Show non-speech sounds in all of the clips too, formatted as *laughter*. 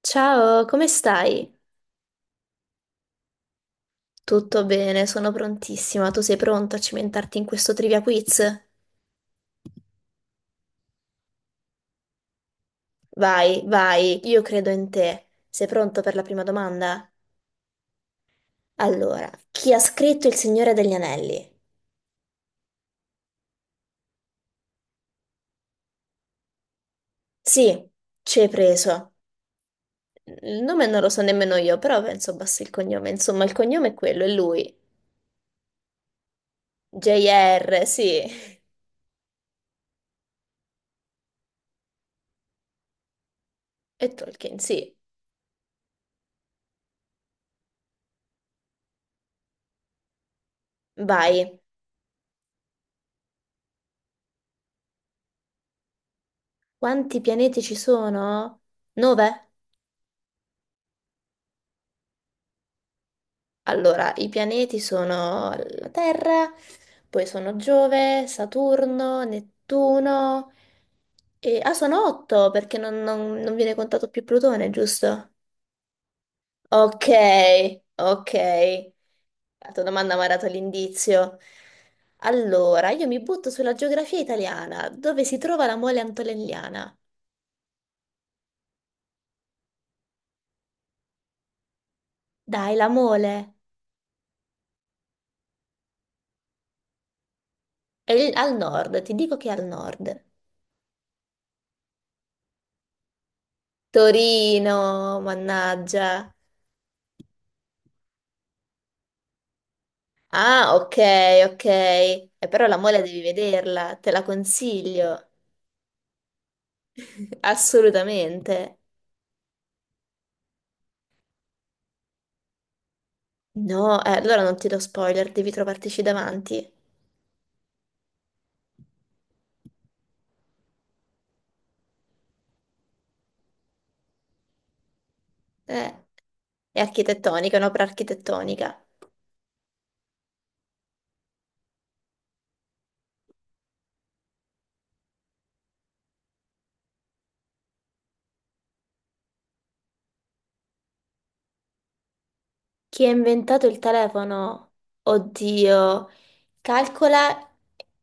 Ciao, come stai? Tutto bene, sono prontissima. Tu sei pronto a cimentarti in questo trivia quiz? Vai, vai, io credo in te. Sei pronto per la prima domanda? Allora, chi ha scritto Il Signore degli Anelli? Sì, ci hai preso. Il nome non lo so nemmeno io, però penso basti il cognome. Insomma, il cognome è quello, è lui. J.R., sì. E Tolkien, sì. Vai. Quanti pianeti ci sono? Nove? Allora, i pianeti sono la Terra, poi sono Giove, Saturno, Nettuno e... Ah, sono otto perché non viene contato più Plutone, giusto? Ok, ok. La tua domanda mi ha dato l'indizio. Allora, io mi butto sulla geografia italiana. Dove si trova la Mole Antonelliana? Dai, la Mole. Al nord, ti dico che è al nord. Torino, mannaggia. Ah, ok, ok. E però la mole devi vederla, te la consiglio. *laughs* Assolutamente. No, allora non ti do spoiler, devi trovartici davanti. Eh, è architettonica, è un'opera architettonica. Chi ha inventato il telefono? Oddio. Calcola...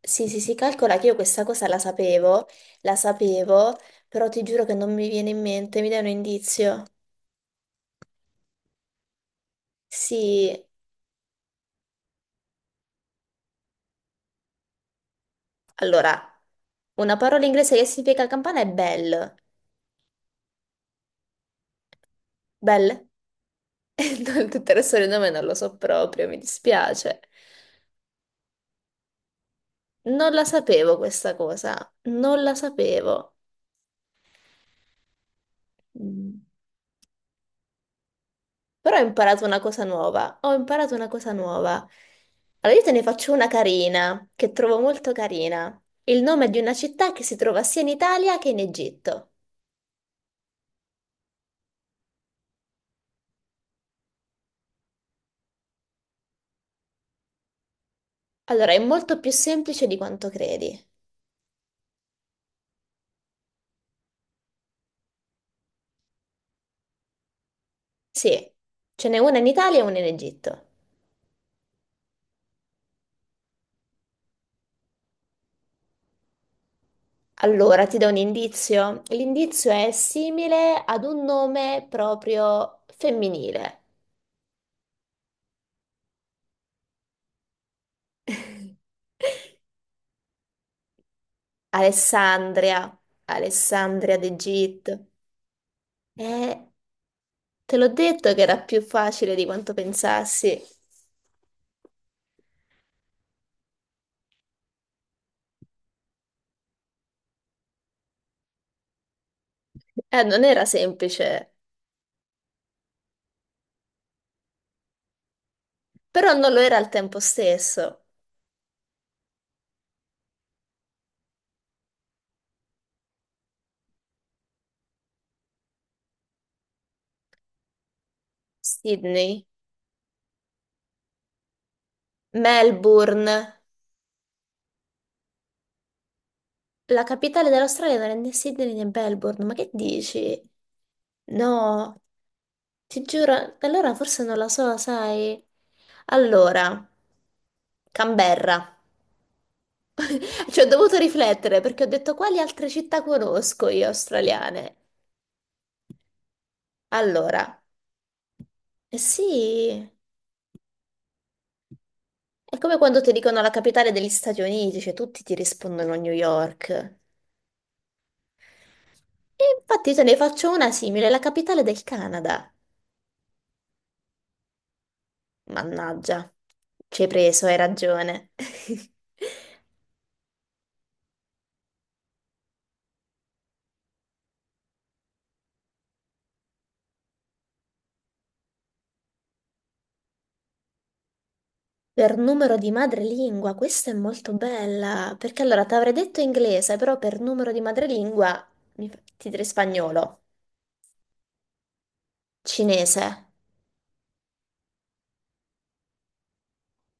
Sì, sì, sì, calcola che io questa cosa la sapevo, però ti giuro che non mi viene in mente, mi dai un indizio? Sì, allora, una parola inglese che significa campana è bell. Bell? *laughs* No, tutto il resto del nome non lo so proprio, mi dispiace. Non la sapevo questa cosa, non la sapevo. Mm. Però ho imparato una cosa nuova, ho imparato una cosa nuova. Allora io te ne faccio una carina, che trovo molto carina. Il nome di una città che si trova sia in Italia che in Egitto. Allora, è molto più semplice di quanto credi. Sì, ce n'è una in Italia e una in Egitto. Allora, ti do un indizio. L'indizio è simile ad un nome proprio femminile. *laughs* Alessandria, Alessandria d'Egitto. Eh, te l'ho detto che era più facile di quanto pensassi. Non era semplice, però non lo era al tempo stesso. Sydney, Melbourne. La capitale dell'Australia non è né Sydney né Melbourne, ma che dici? No. Ti giuro, allora forse non la so, sai. Allora, Canberra. *laughs* Ci ho dovuto riflettere perché ho detto quali altre città conosco io australiane. Allora, eh sì, è come quando ti dicono la capitale degli Stati Uniti, cioè tutti ti rispondono New York. E infatti te ne faccio una simile, la capitale del Canada. Mannaggia, ci hai preso, hai ragione. *laughs* Per numero di madrelingua, questa è molto bella, perché allora ti avrei detto inglese, però per numero di madrelingua ti direi spagnolo, cinese,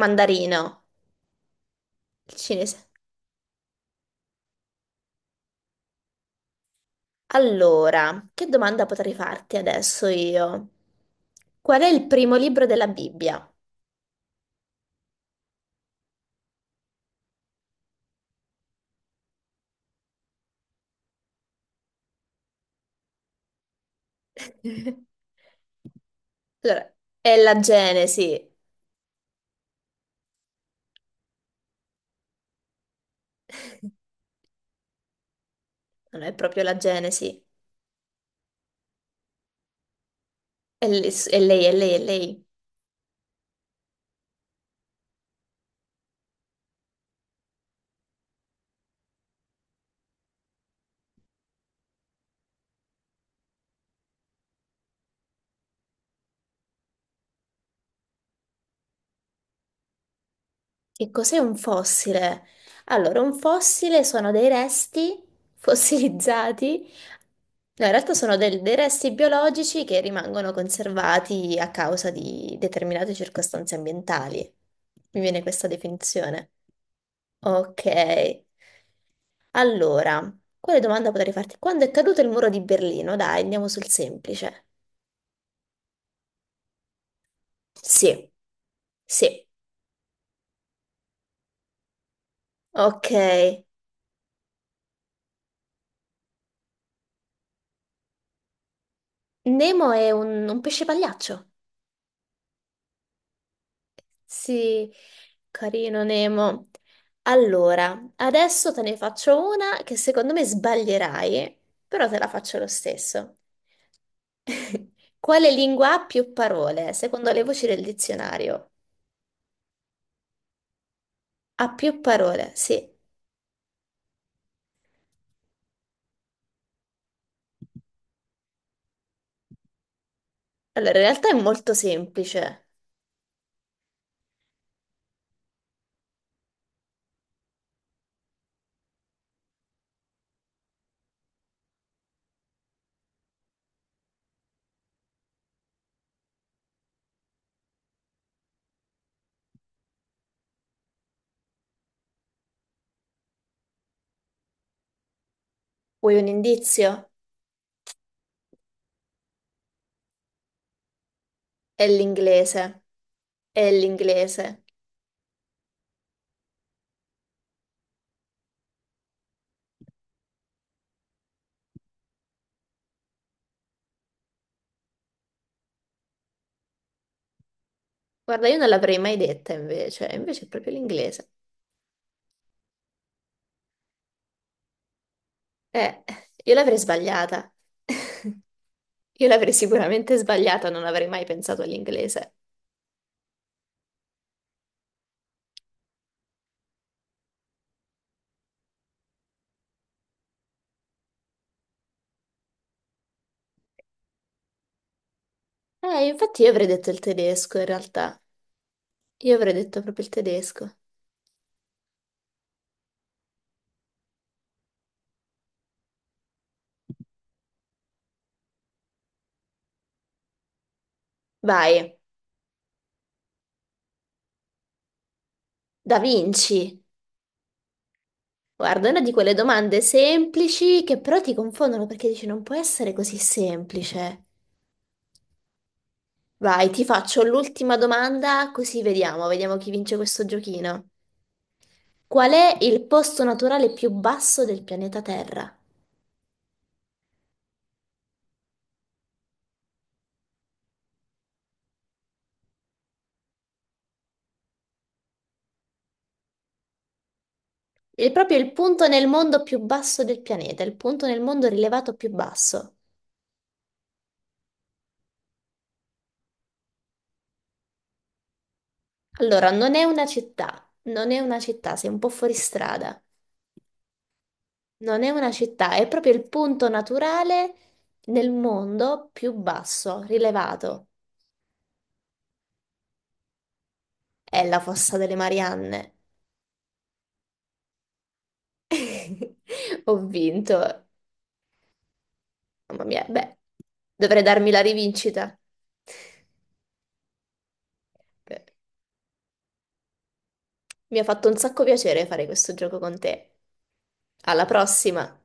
mandarino, il cinese. Allora, che domanda potrei farti adesso io? Qual è il primo libro della Bibbia? *laughs* Allora, è la Genesi. *laughs* Non è proprio la Genesi. È lei, e lei, è lei, è lei. Che cos'è un fossile? Allora, un fossile sono dei resti *laughs* fossilizzati, no, in realtà sono dei resti biologici che rimangono conservati a causa di determinate circostanze ambientali. Mi viene questa definizione. Ok, allora, quale domanda potrei farti? Quando è caduto il muro di Berlino? Dai, andiamo sul semplice. Sì, sì, ok. Nemo è un pesce pagliaccio. Sì, carino Nemo. Allora, adesso te ne faccio una che secondo me sbaglierai, però te la faccio lo stesso. *laughs* Quale lingua ha più parole, secondo le voci del dizionario? Ha più parole, sì. Allora, in realtà è molto semplice. Vuoi un indizio? È l'inglese. È l'inglese. Guarda, io non l'avrei mai detta invece, invece è proprio l'inglese. Eh, io l'avrei sbagliata. *laughs* Io l'avrei sicuramente sbagliata, non avrei mai pensato all'inglese. Infatti io avrei detto il tedesco in realtà. Io avrei detto proprio il tedesco. Vai, Da Vinci. Guarda, è una di quelle domande semplici che però ti confondono perché dici non può essere così semplice. Vai, ti faccio l'ultima domanda così vediamo, vediamo chi vince questo giochino. Qual è il posto naturale più basso del pianeta Terra? È proprio il punto nel mondo più basso del pianeta, il punto nel mondo rilevato più basso. Allora, non è una città, non è una città, sei un po' fuori strada. Non è una città, è proprio il punto naturale nel mondo più basso, rilevato. È la Fossa delle Marianne. *laughs* Ho vinto. Mamma mia, beh, dovrei darmi la rivincita. Beh, mi ha fatto un sacco piacere fare questo gioco con te. Alla prossima!